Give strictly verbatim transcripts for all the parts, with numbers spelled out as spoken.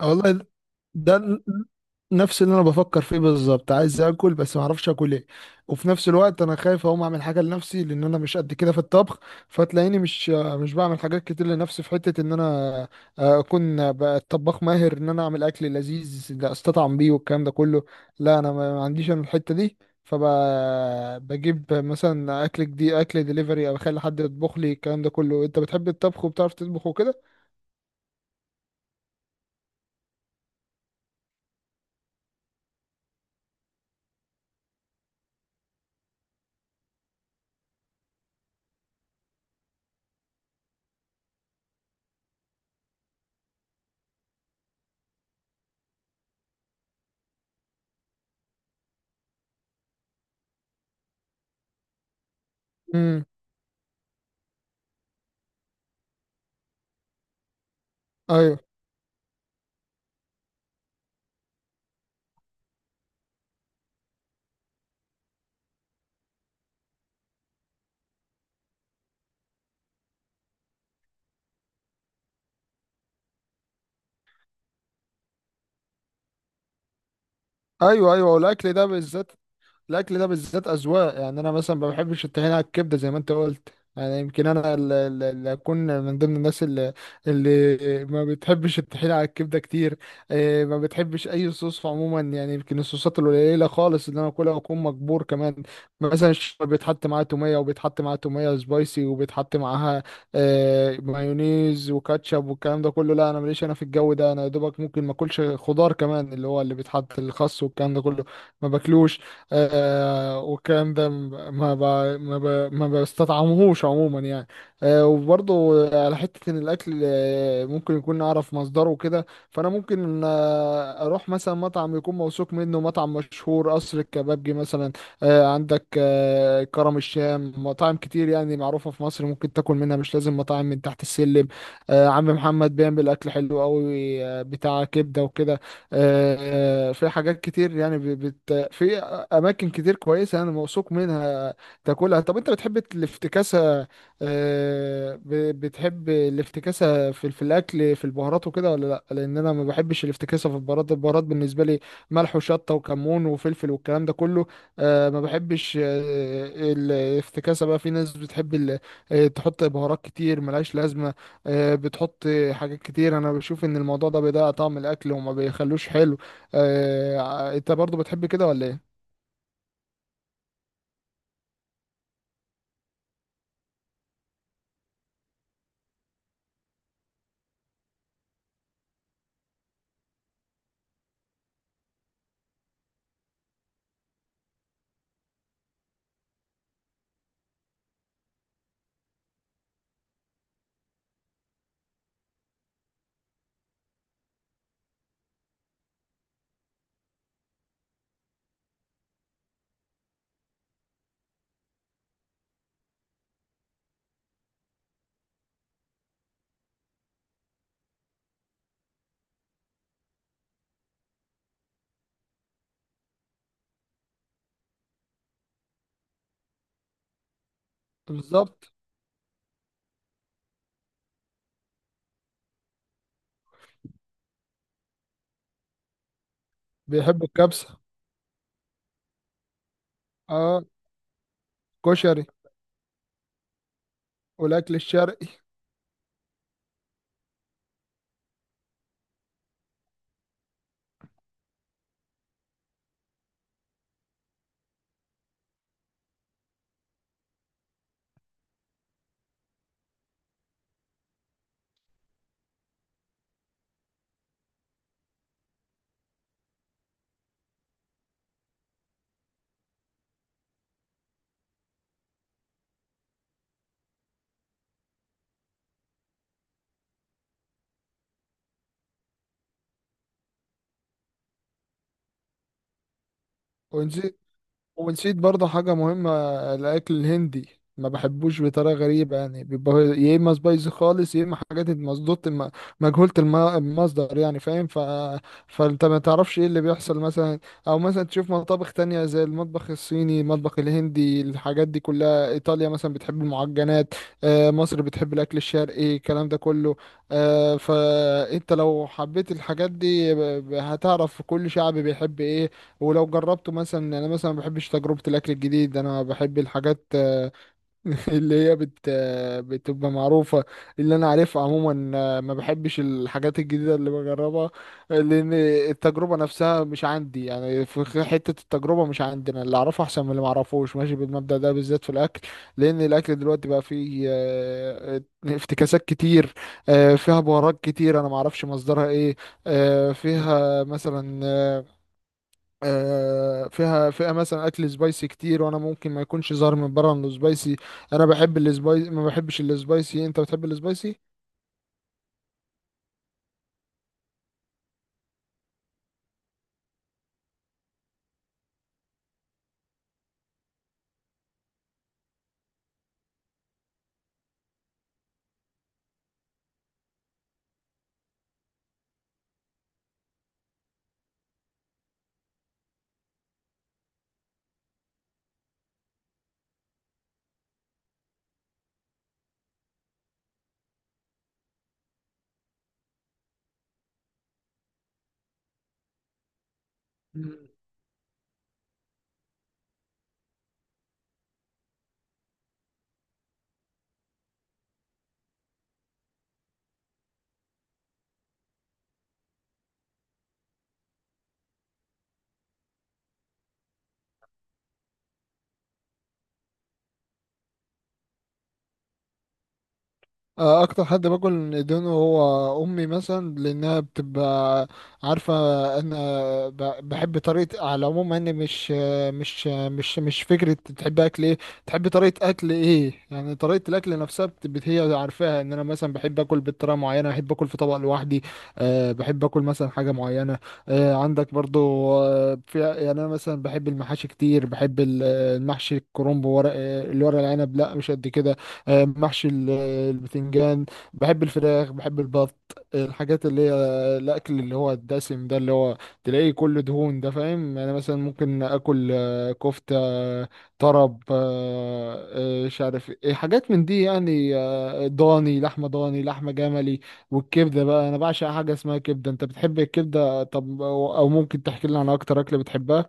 آه، والله، ده ده نفس اللي انا بفكر فيه بالظبط. عايز اكل بس ما اعرفش اكل ايه، وفي نفس الوقت انا خايف اقوم اعمل حاجه لنفسي لان انا مش قد كده في الطبخ. فتلاقيني مش مش بعمل حاجات كتير لنفسي في حته ان انا آه، اكون بقى طباخ ماهر، ان انا اعمل اكل لذيذ لا استطعم بيه والكلام ده كله. لا انا ما ما عنديش انا الحته دي. فبجيب مثلا اكل جديد، اكل ديليفري، او اخلي حد يطبخ لي، الكلام ده كله. انت بتحب الطبخ وبتعرف تطبخ وكده؟ امم. ايوه، ايوه، ايوه، والاكل ده بالذات، الاكل ده بالذات اذواق. يعني انا مثلا ما بحبش الطحينه على الكبده زي ما انت قلت. يعني يمكن انا ال- ال- اللي اكون من ضمن الناس اللي اللي ما بتحبش الطحينه على الكبده كتير. إيه، ما بتحبش اي صوص عموما، يعني يمكن الصوصات القليله خالص اللي انا اكلها واكون مجبور كمان. مثلا الشطه بيتحط معاها توميه، وبيتحط معاها توميه سبايسي، وبيتحط معاها آه، مايونيز وكاتشب والكلام ده كله. لا انا ماليش انا في الجو ده. انا يا دوبك ممكن ما اكلش خضار كمان، اللي هو اللي بيتحط الخس والكلام ده كله، ما باكلوش. آه والكلام ده ما ب... ما ب... ما بستطعمهوش عموما يعني. آه وبرضه على حتة إن الأكل آه ممكن يكون أعرف مصدره وكده، فأنا ممكن آه أروح مثلا مطعم يكون موثوق منه، مطعم مشهور، قصر الكبابجي مثلا. آه عندك آه كرم الشام، مطاعم كتير يعني معروفة في مصر ممكن تاكل منها. مش لازم مطاعم من تحت السلم. آه عم محمد بيعمل أكل حلو أوي، آه بتاع كبدة وكده. آه، في حاجات كتير يعني، ب- بت... في اماكن كتير كويسه انا موثوق منها تاكلها. طب انت بتحب الافتكاسه؟ آه، ب- بتحب الافتكاسه في في الاكل، في البهارات وكده ولا لا؟ لان انا ما بحبش الافتكاسه في البهارات. البهارات بالنسبه لي ملح وشطه وكمون وفلفل والكلام ده كله. آه، ما بحبش آه، الافتكاسه بقى. في ناس بتحب ال- آه، تحط بهارات كتير ملهاش لازمه. آه، بتحط حاجات كتير. انا بشوف ان الموضوع ده بيضيع طعم الاكل وما بيخلوش حلو. آه، انت برضو بتحب كده ولا ايه؟ بالظبط. بيحب الكبسة. اه، كشري، والاكل الشرقي. ونسيت، ونسيت برضه حاجة مهمة، الأكل الهندي. ما بحبوش بطريقة غريبة، يعني بيبقى يا إما سبايسي خالص، يا إما حاجات مصدوط الم- مجهولة الم- المصدر، يعني فاهم. ف... فأنت ما تعرفش إيه اللي بيحصل مثلا. أو مثلا تشوف مطابخ تانية، زي المطبخ الصيني، المطبخ الهندي، الحاجات دي كلها. إيطاليا مثلا بتحب المعجنات، آه، مصر بتحب الأكل الشرقي، الكلام ده كله. آه، فأنت لو حبيت الحاجات دي ب- ب- هتعرف كل شعب بيحب إيه. ولو جربته مثلا. يعني انا مثلا ما بحبش تجربة الاكل الجديد. انا بحب الحاجات آه، اللي هي بت آه، بتبقى معروفة، اللي انا عارفها عموما. آه، ما بحبش الحاجات الجديدة اللي بجربها، لان التجربة نفسها مش عندي. يعني في خ- حتة التجربة مش عندي. انا اللي اعرفه احسن من اللي ما اعرفوش، ماشي بالمبدأ ده بالذات في الاكل. لان الاكل دلوقتي بقى فيه آه، آه، افتكاسات كتير، آه، فيها بهارات كتير انا ما اعرفش مصدرها ايه. آه، فيها مثلا آه، آه، فيها فيها مثلا اكل سبايسي كتير، وانا ممكن ما يكونش ظاهر من بره انه سبايسي. انا بحب السبايسي، ما بحبش السبايسي، انت بتحب السبايسي؟ آه، اكتر حد باكل اندومي هو امي مثلا، لانها بتبقى عارفه انا ب- بحب طريقه على العموم، يعني مش مش مش مش فكره تحب اكل ايه، تحب طريقه اكل ايه. يعني طريقه الاكل نفسها بت- بت- هي عارفاها، ان انا مثلا بحب اكل بطريقه معينه، بحب اكل في طبق لوحدي. أه بحب اكل مثلا حاجه معينه. أه عندك برضو، أه في يعني، انا مثلا بحب المحاشي كتير. بحب ال- المحشي الكرنب. ورق الورق العنب لا، مش قد كده. آه، محشي ال- البتنجان. بحب الفراخ، بحب البط، الحاجات اللي هي الاكل اللي هو الدسم ده، اللي هو تلاقيه كله دهون، ده فاهم. انا مثلا ممكن اكل آه، كفتة، طرب، آه، آه، مش عارف ايه حاجات من دي، يعني آه، ضاني، لحمة ضاني، لحمة جملي. والكبدة بقى، انا بعشق حاجة اسمها كبدة. انت بتحب الكبدة؟ طب او أو ممكن تحكي لنا عن اكتر اكلة بتحبها؟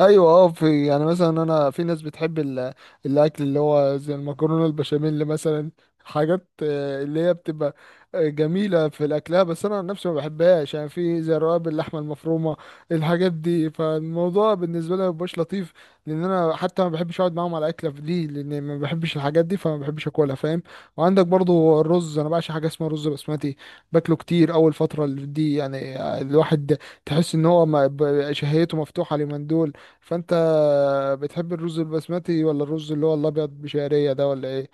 ايوه، اه. في يعني مثلا، انا في ناس بتحب ال- الاكل اللي هو زي المكرونه البشاميل، اللي مثلا حاجات آه، اللي هي بتبقى آه، جميله في الاكلها. بس انا عن نفسي ما بحبهاش، يعني في زي رقاب اللحمه المفرومه، الحاجات دي. فالموضوع بالنسبه لي ما بيبقاش لطيف، لان انا حتى ما بحبش اقعد معاهم على اكله دي، لان ما بحبش الحاجات دي، فما بحبش اكلها فاهم. وعندك برضو الرز، انا بعشق حاجه اسمها رز بسمتي، باكله كتير اول فتره دي. يعني آه، الواحد تحس ان هو ما- ب- شهيته مفتوحه اليومين دول. فانت بتحب الرز البسمتي، ولا الرز اللي هو الابيض بشعريه ده، ولا ايه؟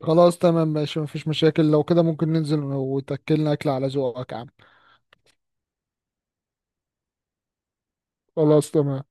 خلاص تمام، ماشي، مفيش مشاكل. لو كده ممكن ننزل وتاكلنا اكل على ذوقك يا عم. خلاص تمام.